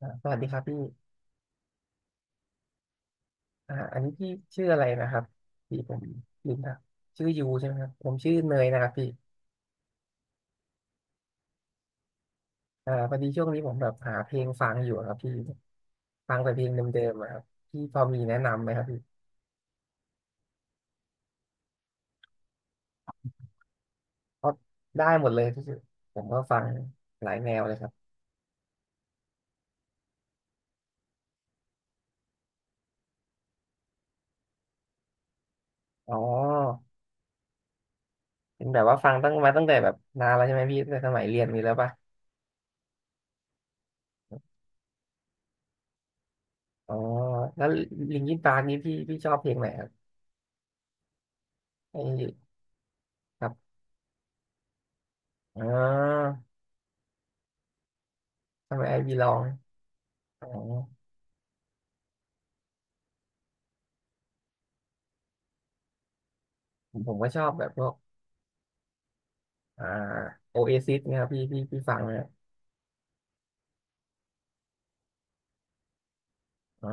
สวัสดีครับพี่อันนี้พี่ชื่ออะไรนะครับพี่ผมลืมนะชื่อยูใช่ไหมครับผมชื่อเนยนะครับพี่พอดีช่วงนี้ผมแบบหาเพลงฟังอยู่ครับพี่ฟังแต่เพลงเดิมๆอะครับพี่พอมีแนะนำไหมครับพี่เพราะได้หมดเลยที่สุดผมก็ฟังหลายแนวเลยครับอ๋อเป็นแบบว่าฟังตั้งมาตั้งแต่แบบนานแล้วใช่ไหมพี่ตั้งแต่สมัยเรียนมีแล้วป่ะอ๋อแล้วลิงคินปาร์กนี้พี่ชอบเพลงไหนครับไอ้ครับอ๋อทำไมไอบีลองอ๋อผมก็ชอบแบบพวก อ่าโอเอซิสเนี่ยครับพี่ฟังไหมครับอ๋อ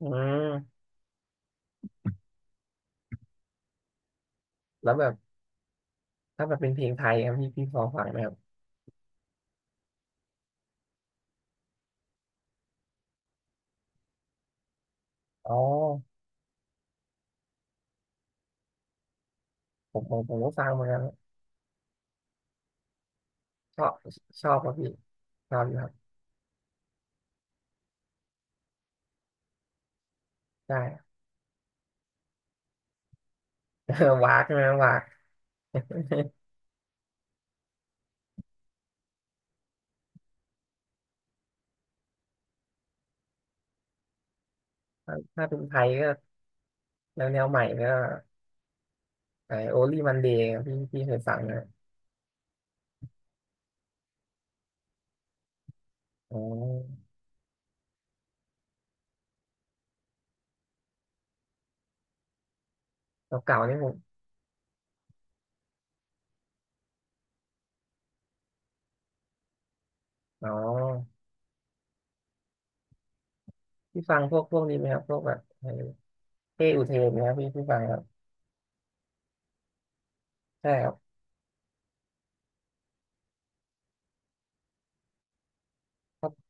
อืมแล้วแบบถ้าแบบเป็นเพลงไทยครับพี่พี่พอฟังไหมครับอ๋อผมก็ฟังเหมือนกันชอบชอบครับพี่ชอบอยู่ครับใช่ วากใช่ไหมวากถ้าเป็นไทยก็แนวใหม่ก็ไอโอลี่มันเดย์พี่เคยฟังไหมครับอ๋อเก่าๆนี่ผมอ๋อพี่ฟังพวกนี้ไหมครับพวกแบบไอ้เป้อุเทนนะครับพี่พี่ฟังครับใช่ครับ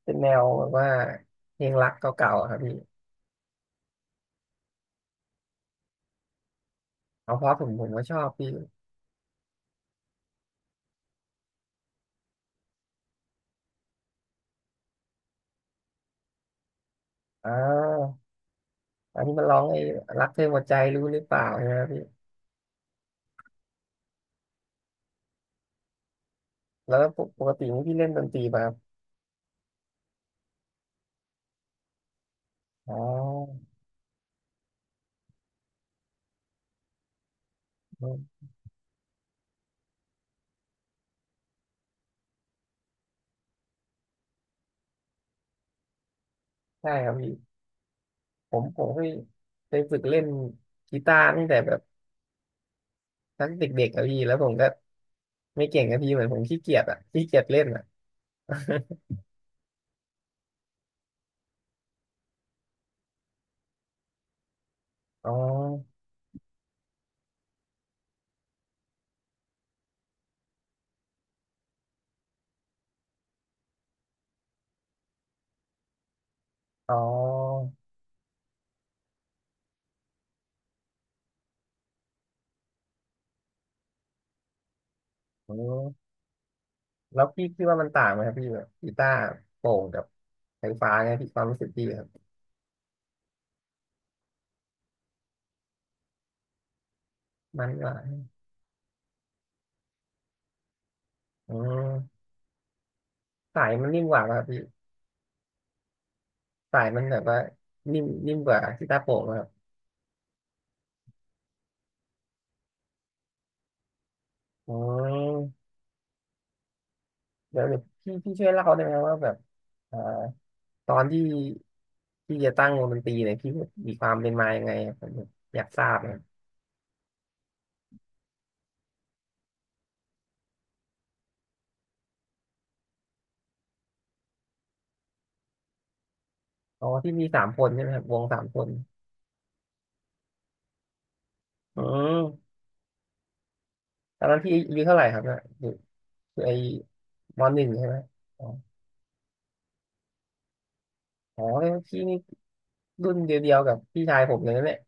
เป็นแนวแบบว่าเพลงรักเก่าๆอะครับพี่ เอาเพราะผมก็ชอบพี่อ่าอันนี้มันร้องไอ้รักเธอหมดใจรู้หรือเปล่าใช่ไหมพี่แล้วปกตินี่พี่เล่นดนตรีมาครับอ๋ออืมใช่ครับพี่ผมเคยเคยฝึกเล่นกีตาร์ตั้งแต่แบบตั้งเด็กๆอะพี่แล้วผมก็ไม่เก่งอะพี่เหมือนผมขี้เกียจอะขี้เกียจเล่นอะ อ๋ออ๋อโอืมแล้วพี่คิดว่ามันต่างไหมครับพี่แบบกีตาร์โปร่งกับไฟฟ้าไงพี่ความรู้สึกพี่ครับมันกว่าอืมสายมันนิ่มกว่าป่ะครับพี่ สายมันแบบว่านิ่มนิ่มกว่ากีตาร์โปร่งครับอ๋อเดี๋ยวพี่ช่วยเล่าได้ไหมว่าแบบเอ่อตอนที่พี่จะตั้งวงดนตรีเนี่ยพี่มีความเป็นมายังไงครับผมอยากทราบนะครับอ๋อที่มีสามคนใช่ไหมครับวงสามคนอืมตอนนั้นพี่อายุเท่าไหร่ครับเนี่ยอยู่อยู่ไอมหนึ่งใช่ไหมอ๋ออ๋อแล้วพี่นี่รุ่นเดียวๆกับพี่ชายผมเลยนะเนี่ย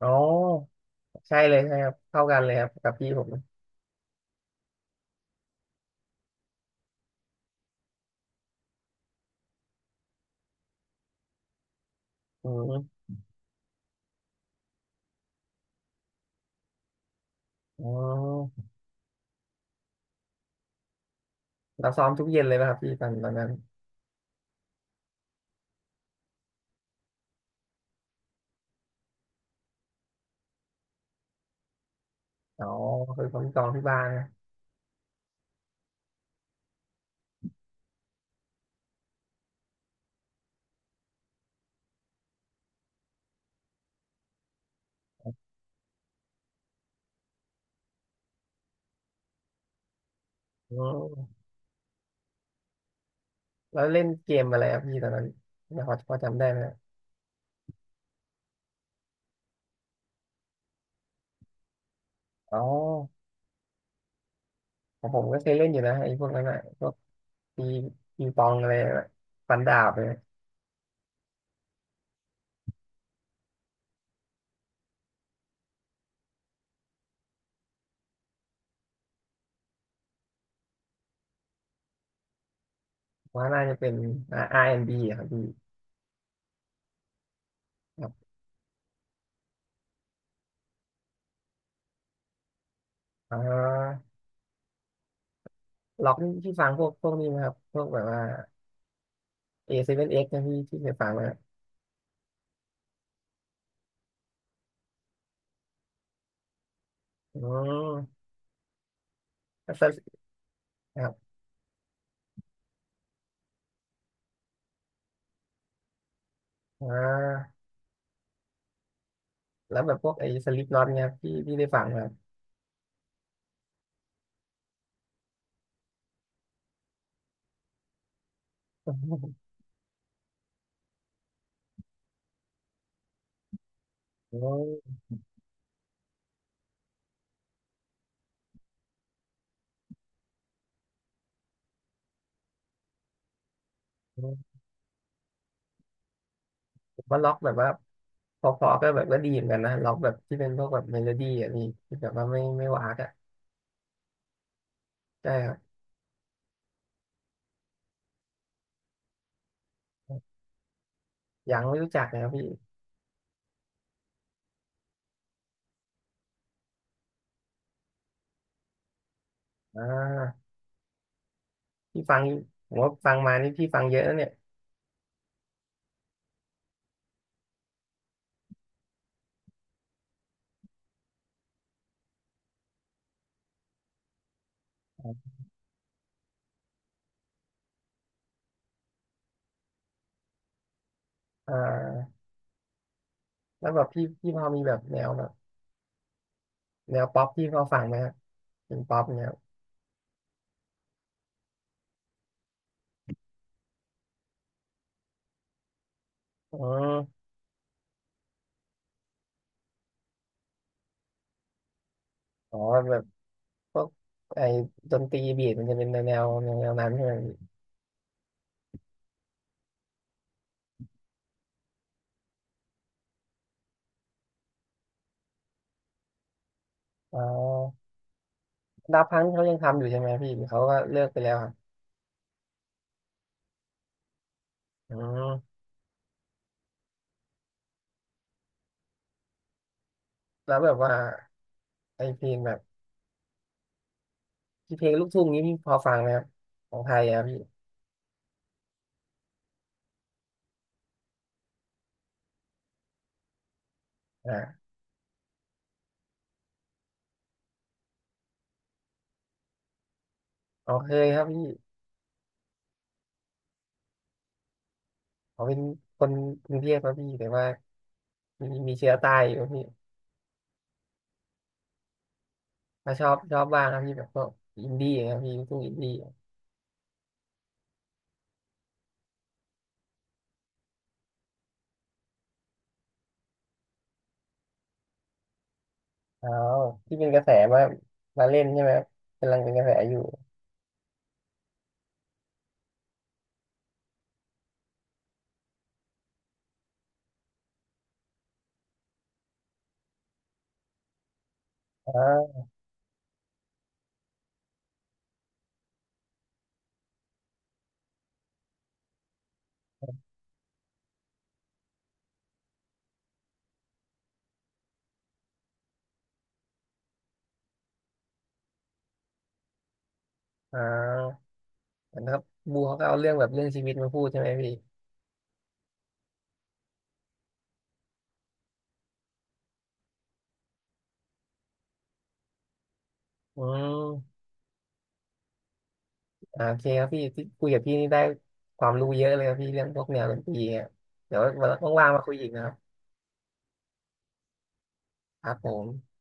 อ๋อใช่เลยใช่ครับเท่ากันเลยครับกับพี่ผมอืมอ๋อ เราซ้อมทุกเย็นเลยป่ะครับพี่ตอนนั้นอ๋อคือผมซ้อมที่บ้านนะอืมแล้วเล่นเกมอะไรครับพี่ตอนนั้นเนี่ยพอจำได้ไหมอ๋อของผมก็เคยเล่นอยู่นะไอ้พวกนั้นอ่ะพวกตีปีปองอะไรอะฟันดาบเลยว่าน่าจะเป็นb อนด์บีอะครับพี่ครับอ๋อล็อกนี่พี่ฟังพวกนี้ไหมครับพวกแบบว่า A7X นเอ็กซ์นะพี่ที่เคยฟังไหมครับอืมแล้วก็ครับอ่าแล้วแบบพวกไอ้สลิปน็อตเนี่ยครับพี่พี่ได้ฟังไหมครับ โอ้ ว่าล็อกแบบว่าพอๆก็แบบก็ดีเหมือนกันนะล็อกแบบที่เป็นพวกแบบเมโลดี้อ่ะพี่ที่แบบว่าไม่ไม่วากอ่ะใช่ครับยังไม่รู้จักนะครับพี่อ่าพี่ฟังผมว่าฟังมานี่พี่ฟังเยอะนะเนี่ยอ่าแล้วแบบพี่พอมีแบบแนวแบบแนวป๊อปพี่พอฟังไหมครับเป็นป๊อปเนี่ยอ๋ออ๋อแบบพวกไอ้ดนตรีบีทมันจะเป็นแนวแนวนั้นใช่ไหมพี่อ๋อดาพังเขายังทำอยู่ใช่ไหมพี่หรือเขาก็เลิกไปแล้วครับอืมแล้วแบบว่าไอเพลงแบบ พี่เพลงลูกทุ่งนี้พี่พอฟังไหมครับของไทยอะครับพี่อ่าอ๋อเคยครับพี่ผมเป็นคนกรุงเทพครับพี่แต่ว่ามีเชื้อใต้อยู่ครับพี่มาชอบชอบบ้างครับพี่แบบพวกอินดี้ครับพี่ลูกทุ่งอินดี้อ๋อที่เป็นกระแสมามาเล่นใช่ไหมครับกำลังเป็นกระแสอยู่อ๋ออ๋อเหมือนครับบูเขาก็เอาเรื่องแบบเรื่องชีวิตมาพูดใช่ไหมพี่อืมโอเคครับพี่ที่คุยกับพี่นี่ได้ความรู้เยอะเลยครับพี่เรื่องพวกแนวดนตรีเนี่ยเดี๋ยววันว่างๆมาคุยอีกนะครับครับผม